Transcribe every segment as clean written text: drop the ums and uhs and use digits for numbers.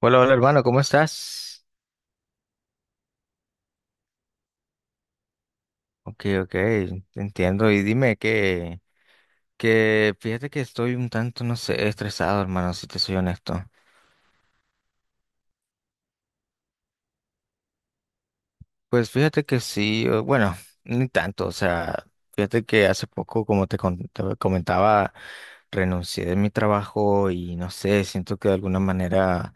Hola, hola hermano, ¿cómo estás? Ok, ok, te entiendo. Y dime que fíjate que estoy un tanto, no sé, estresado, hermano, si te soy honesto. Pues fíjate que sí, bueno, ni tanto, o sea, fíjate que hace poco, como te comentaba, renuncié de mi trabajo y no sé, siento que de alguna manera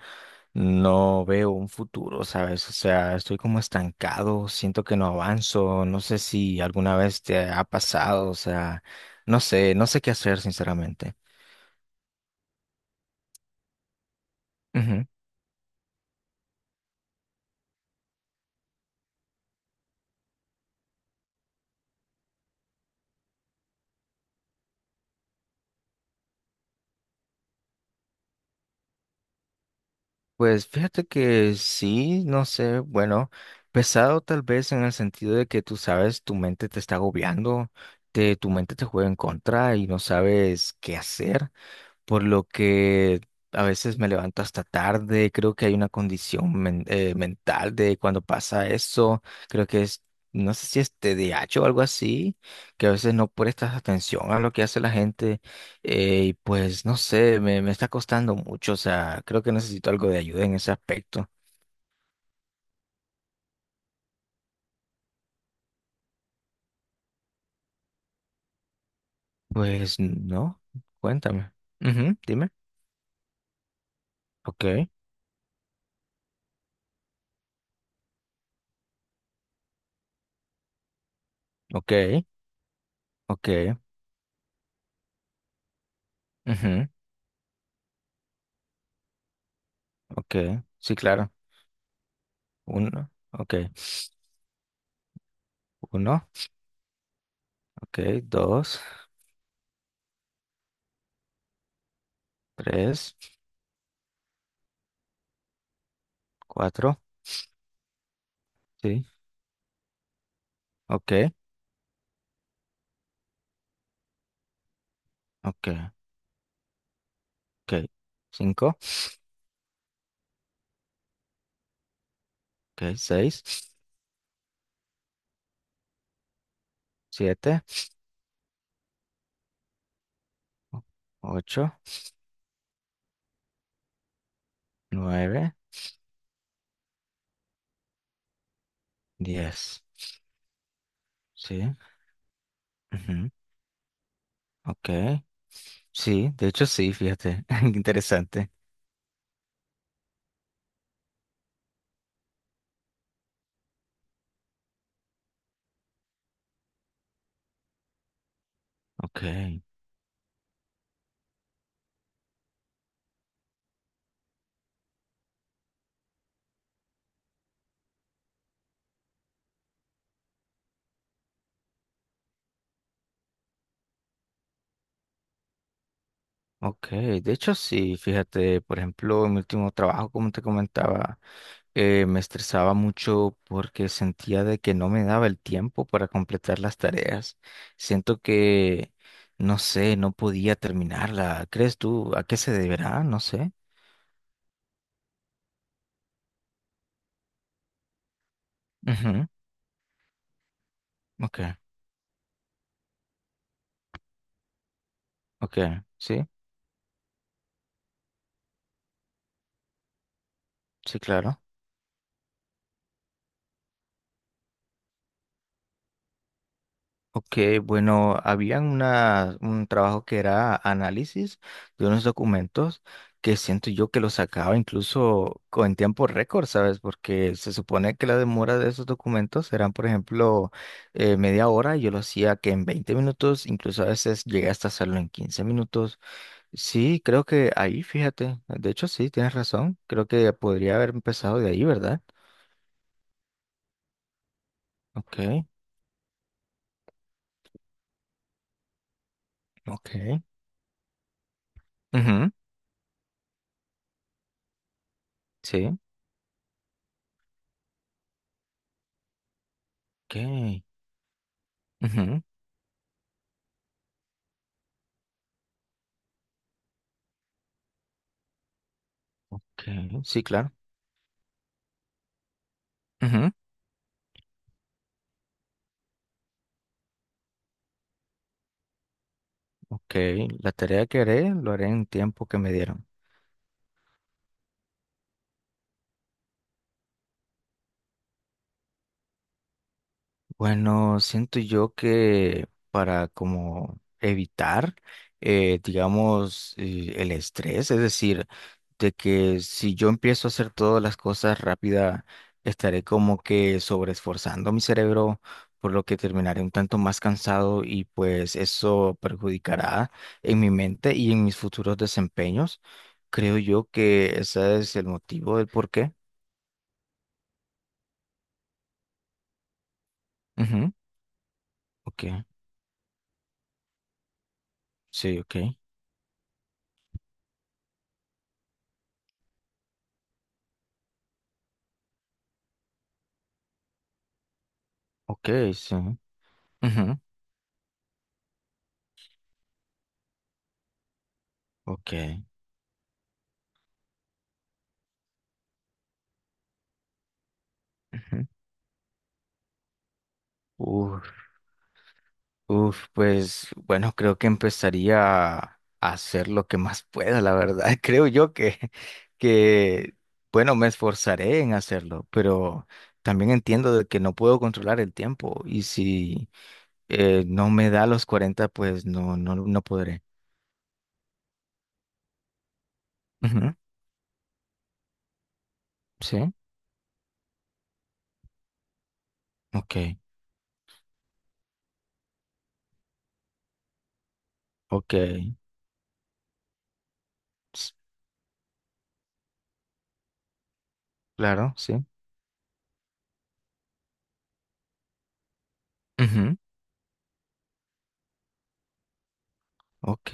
no veo un futuro, ¿sabes? O sea, estoy como estancado, siento que no avanzo, no sé si alguna vez te ha pasado, o sea, no sé qué hacer, sinceramente. Pues fíjate que sí, no sé, bueno, pesado tal vez en el sentido de que tú sabes, tu mente te está agobiando, tu mente te juega en contra y no sabes qué hacer por lo que a veces me levanto hasta tarde. Creo que hay una condición mental de cuando pasa eso. Creo que es, no sé si es TDAH o algo así, que a veces no prestas atención a lo que hace la gente. Y pues no sé, me está costando mucho. O sea, creo que necesito algo de ayuda en ese aspecto. Pues no, cuéntame. Ujú, dime. Ok, ok, ok, ujú, ok. Sí, claro. Uno, ok. Uno, ok, dos. Tres, cuatro, sí, ok, ok, ok. Cinco, ok, seis, siete, o- ocho, nueve, diez, sí, ujú, ok, sí, de hecho sí, fíjate, interesante, ok. Ok, de hecho sí, fíjate, por ejemplo, en mi último trabajo, como te comentaba, me estresaba mucho porque sentía de que no me daba el tiempo para completar las tareas. Siento que, no sé, no podía terminarla. ¿Crees tú a qué se deberá? No sé. Ujú, ok, ok, sí, sí, claro. Ok, bueno, había una, un trabajo que era análisis de unos documentos que siento yo que lo sacaba incluso en tiempo récord, ¿sabes? Porque se supone que la demora de esos documentos eran, por ejemplo, media hora, y yo lo hacía que en 20 minutos, incluso a veces llegué hasta hacerlo en 15 minutos. Sí, creo que ahí, fíjate, de hecho sí, tienes razón, creo que podría haber empezado de ahí, ¿verdad? Ok, ok. Ujú, sí, ok. Ujú. Ok, sí, claro. Ujú, ok, la tarea que haré lo haré en tiempo que me dieron. Bueno, siento yo que para como evitar, digamos, el estrés, es decir, de que si yo empiezo a hacer todas las cosas rápida, estaré como que sobreesforzando mi cerebro, por lo que terminaré un tanto más cansado y pues eso perjudicará en mi mente y en mis futuros desempeños. Creo yo que ese es el motivo del por qué. Ujú, ok, sí, ok, ok, sí. Ujú. Ok. Ujú. Uf, uf, pues bueno, creo que empezaría a hacer lo que más pueda, la verdad. Creo yo que, bueno, me esforzaré en hacerlo, pero también entiendo de que no puedo controlar el tiempo y si no me da los 40, pues no, no, no podré. Ujú, sí, ok, ok. s- Claro, sí. Ujú, ok,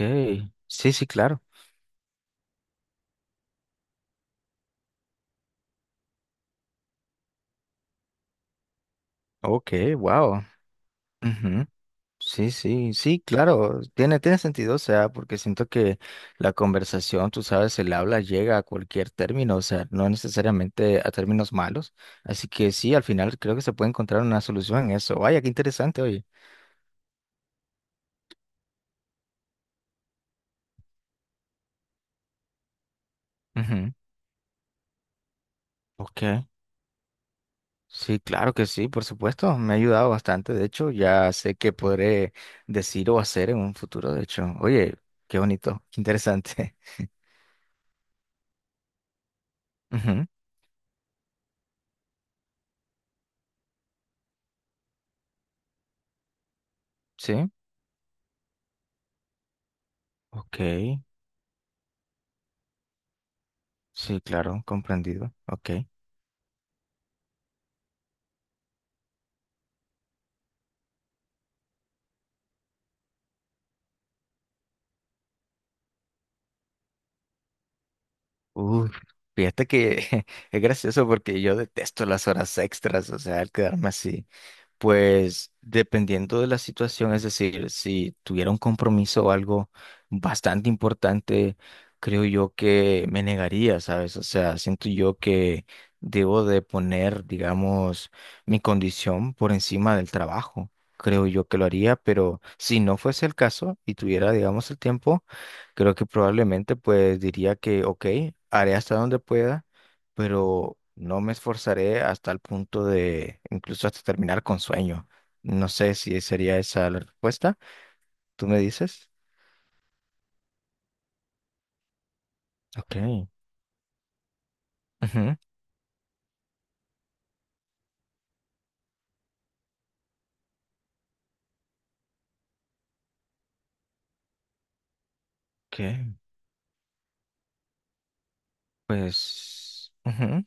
sí, sí, claro. Ok, wow. Ujú. Sí, sí, sí, claro, tiene sentido, o sea, porque siento que la conversación, tú sabes, el habla llega a cualquier término, o sea, no necesariamente a términos malos, así que sí, al final creo que se puede encontrar una solución en eso. Vaya, qué interesante, oye. Ujú, ok, sí, claro que sí, por supuesto, me ha ayudado bastante, de hecho, ya sé qué podré decir o hacer en un futuro, de hecho, oye, qué bonito, qué interesante. Ujú, sí, ok, sí, claro, comprendido, ok. Uf, fíjate que es gracioso porque yo detesto las horas extras, o sea, el quedarme así. Pues dependiendo de la situación, es decir, si tuviera un compromiso o algo bastante importante, creo yo que me negaría, ¿sabes? O sea, siento yo que debo de poner, digamos, mi condición por encima del trabajo. Creo yo que lo haría, pero si no fuese el caso y tuviera, digamos, el tiempo, creo que probablemente pues diría que, ok, haré hasta donde pueda pero no me esforzaré hasta el punto de incluso hasta terminar con sueño. No sé si sería esa la respuesta. ¿Tú me dices? Ok. Ujú, ok, Pues, ujú.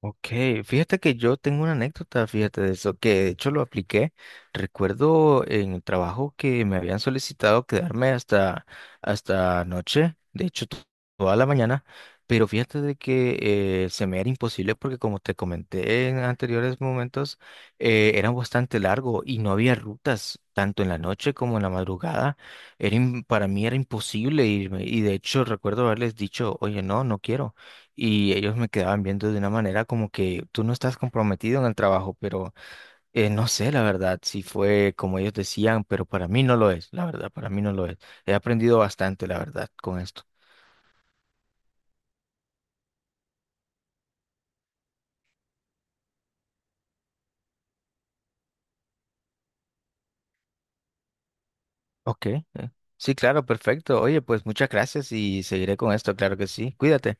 Ok, fíjate que yo tengo una anécdota, fíjate de eso, que de hecho lo apliqué. Recuerdo en el trabajo que me habían solicitado quedarme hasta noche, de hecho toda la mañana, pero fíjate de que se me era imposible porque como te comenté en anteriores momentos, era bastante largo y no había rutas. Tanto en la noche como en la madrugada, era para mí era imposible irme y de hecho recuerdo haberles dicho, oye, no, no quiero. Y ellos me quedaban viendo de una manera como que tú no estás comprometido en el trabajo, pero no sé, la verdad, si fue como ellos decían, pero para mí no lo es, la verdad, para mí no lo es. He aprendido bastante, la verdad, con esto. Ok. Sí, claro, perfecto. Oye, pues muchas gracias y seguiré con esto, claro que sí. Cuídate.